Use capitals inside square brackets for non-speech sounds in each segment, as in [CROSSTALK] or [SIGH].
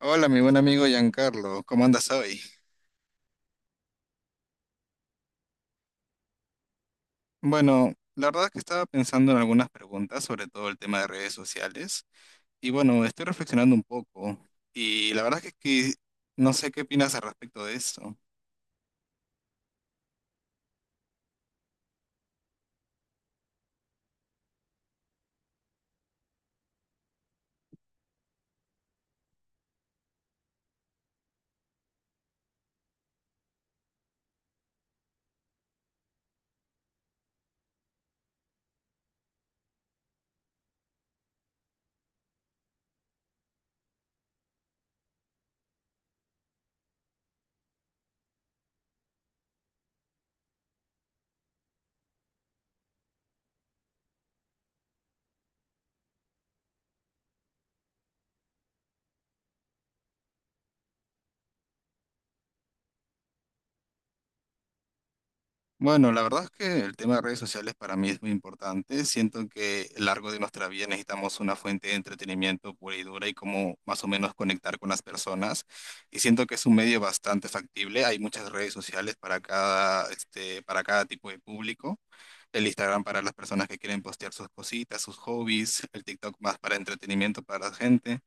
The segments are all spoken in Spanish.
Hola, mi buen amigo Giancarlo, ¿cómo andas hoy? Bueno, la verdad es que estaba pensando en algunas preguntas, sobre todo el tema de redes sociales, y bueno, estoy reflexionando un poco, y la verdad es que no sé qué opinas al respecto de esto. Bueno, la verdad es que el tema de redes sociales para mí es muy importante. Siento que a lo largo de nuestra vida necesitamos una fuente de entretenimiento pura y dura y cómo más o menos conectar con las personas. Y siento que es un medio bastante factible. Hay muchas redes sociales para cada tipo de público. El Instagram para las personas que quieren postear sus cositas, sus hobbies, el TikTok más para entretenimiento para la gente.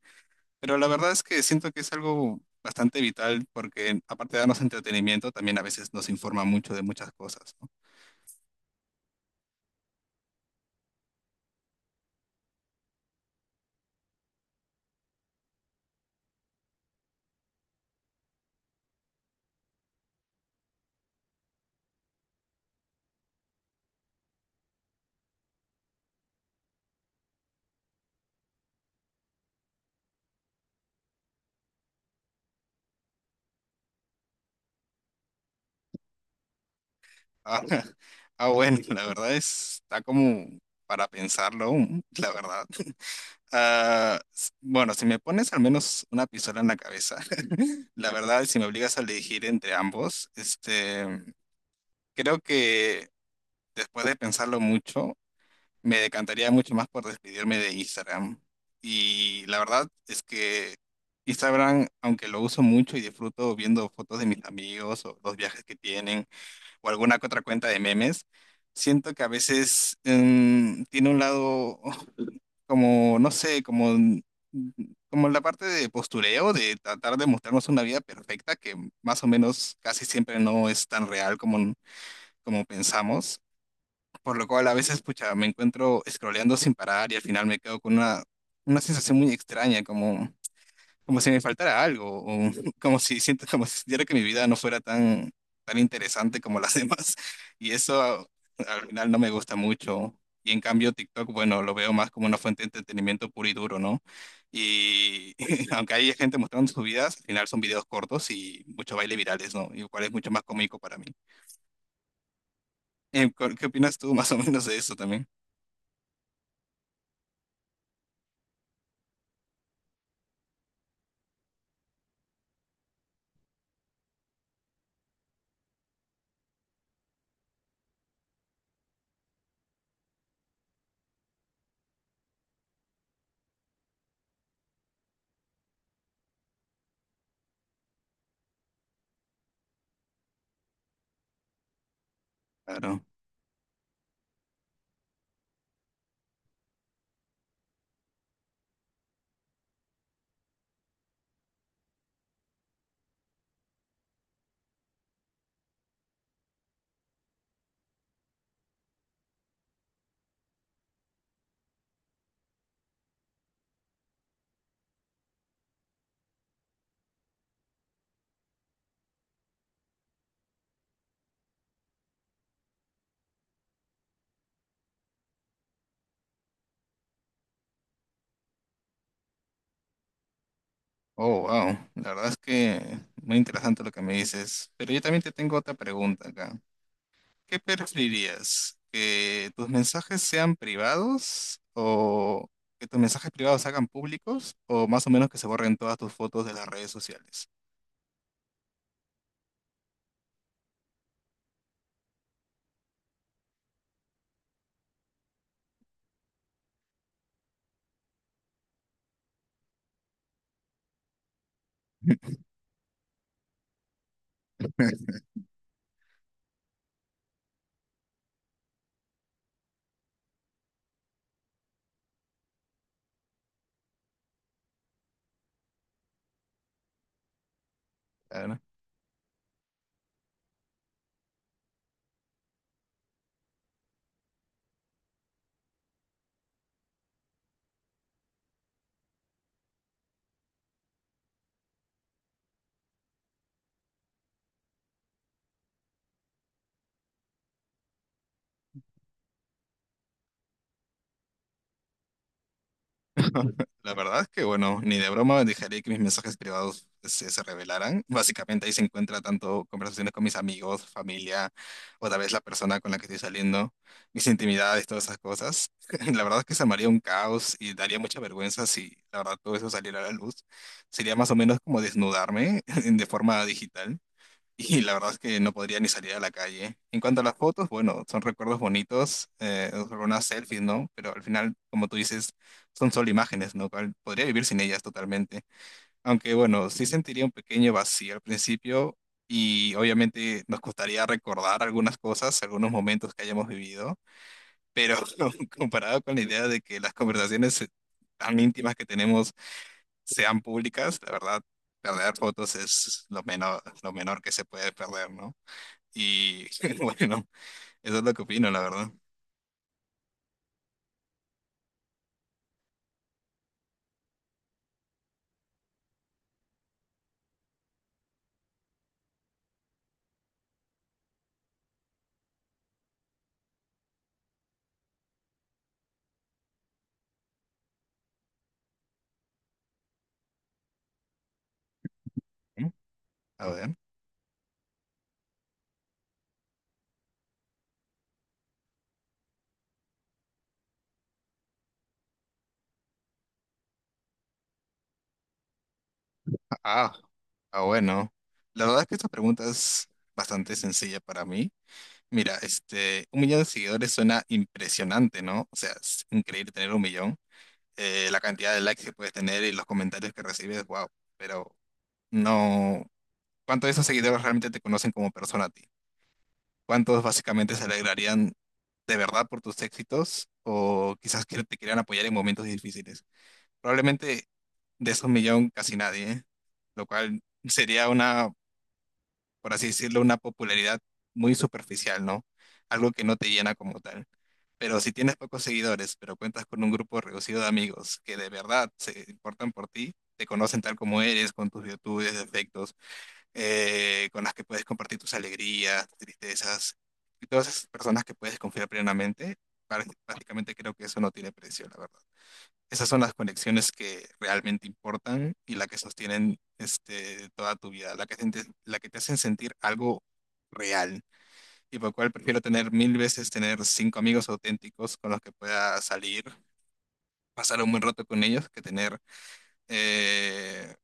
Pero la verdad es que siento que es algo bastante vital porque aparte de darnos entretenimiento, también a veces nos informa mucho de muchas cosas, ¿no? Ah, [LAUGHS] ah, bueno, la verdad está como para pensarlo aún, [LAUGHS] la verdad. Ah, bueno, si me pones al menos una pistola en la cabeza, [LAUGHS] la verdad, si me obligas a elegir entre ambos, creo que después de pensarlo mucho, me decantaría mucho más por despedirme de Instagram. Y la verdad es que Instagram, aunque lo uso mucho y disfruto viendo fotos de mis amigos o los viajes que tienen, o alguna que otra cuenta de memes, siento que a veces tiene un lado como, no sé, como la parte de postureo, de tratar de mostrarnos una vida perfecta que más o menos casi siempre no es tan real como, como pensamos. Por lo cual a veces, pucha, me encuentro scrolleando sin parar y al final me quedo con una sensación muy extraña, como si me faltara algo, o [LAUGHS] como si sintiera que mi vida no fuera tan interesante como las [LAUGHS] demás. Y eso al final no me gusta mucho. Y en cambio TikTok, bueno, lo veo más como una fuente de entretenimiento puro y duro, ¿no? Y [LAUGHS] aunque hay gente mostrando sus vidas, al final son videos cortos y mucho baile virales, ¿no? Y lo cual es mucho más cómico para mí. ¿Qué opinas tú más o menos de eso también? Claro. Oh, wow. La verdad es que muy interesante lo que me dices. Pero yo también te tengo otra pregunta acá. ¿Qué preferirías? ¿Que tus mensajes sean privados o que tus mensajes privados se hagan públicos o más o menos que se borren todas tus fotos de las redes sociales? [LAUGHS] Claro. La verdad es que, bueno, ni de broma dejaría que mis mensajes privados se revelaran. Básicamente ahí se encuentra tanto conversaciones con mis amigos, familia, o tal vez la persona con la que estoy saliendo, mis intimidades, todas esas cosas. [LAUGHS] La verdad es que se armaría un caos y daría mucha vergüenza si la verdad todo eso saliera a la luz. Sería más o menos como desnudarme [LAUGHS] de forma digital. Y la verdad es que no podría ni salir a la calle. En cuanto a las fotos, bueno, son recuerdos bonitos, algunas selfies, ¿no? Pero al final, como tú dices, son solo imágenes, ¿no? Cual- Podría vivir sin ellas totalmente. Aunque bueno, sí sentiría un pequeño vacío al principio y obviamente nos costaría recordar algunas cosas, algunos momentos que hayamos vivido, pero [LAUGHS] comparado con la idea de que las conversaciones tan íntimas que tenemos sean públicas, la verdad, perder fotos es lo menor que se puede perder, ¿no? Y [LAUGHS] bueno, eso es lo que opino, la verdad. ¿Mm? A ver. Ah, ah, bueno. La verdad es que esta pregunta es bastante sencilla para mí. Mira, un millón de seguidores suena impresionante, ¿no? O sea, es increíble tener un millón. La cantidad de likes que puedes tener y los comentarios que recibes, wow. Pero no, ¿cuántos de esos seguidores realmente te conocen como persona a ti? ¿Cuántos básicamente se alegrarían de verdad por tus éxitos o quizás que te quieran apoyar en momentos difíciles? Probablemente de esos millón casi nadie, ¿eh? Lo cual sería una, por así decirlo, una popularidad muy superficial, ¿no? Algo que no te llena como tal. Pero si tienes pocos seguidores, pero cuentas con un grupo reducido de amigos que de verdad se importan por ti, te conocen tal como eres, con tus virtudes, defectos, con las que puedes compartir tus alegrías, tus tristezas, y todas esas personas que puedes confiar plenamente, prácticamente creo que eso no tiene precio, la verdad. Esas son las conexiones que realmente importan y la que sostienen toda tu vida, la que te hacen sentir algo real. Y por lo cual prefiero tener mil veces tener cinco amigos auténticos con los que pueda salir, pasar un buen rato con ellos, que tener eh,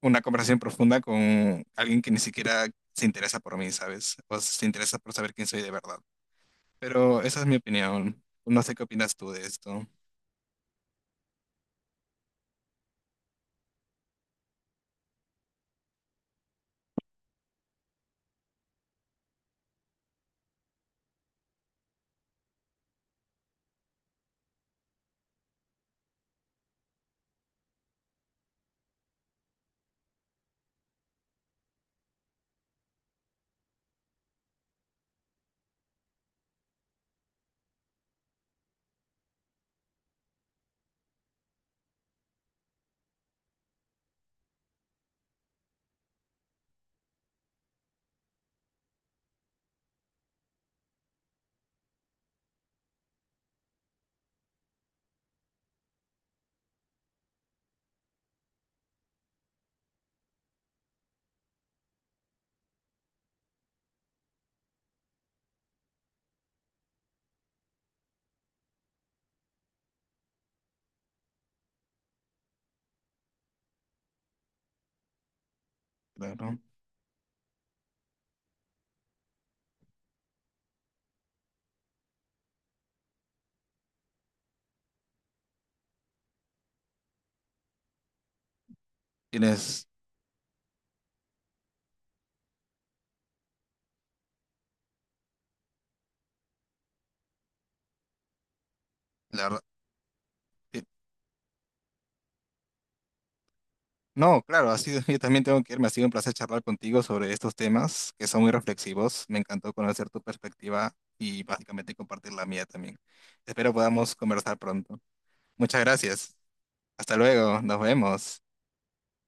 una conversación profunda con alguien que ni siquiera se interesa por mí, ¿sabes? O se interesa por saber quién soy de verdad. Pero esa es mi opinión. No sé qué opinas tú de esto. Claro. Tienes, la verdad, No, claro, [LAUGHS] yo también tengo que irme. Ha sido un placer charlar contigo sobre estos temas que son muy reflexivos. Me encantó conocer tu perspectiva y básicamente compartir la mía también. Espero podamos conversar pronto. Muchas gracias. Hasta luego. Nos vemos.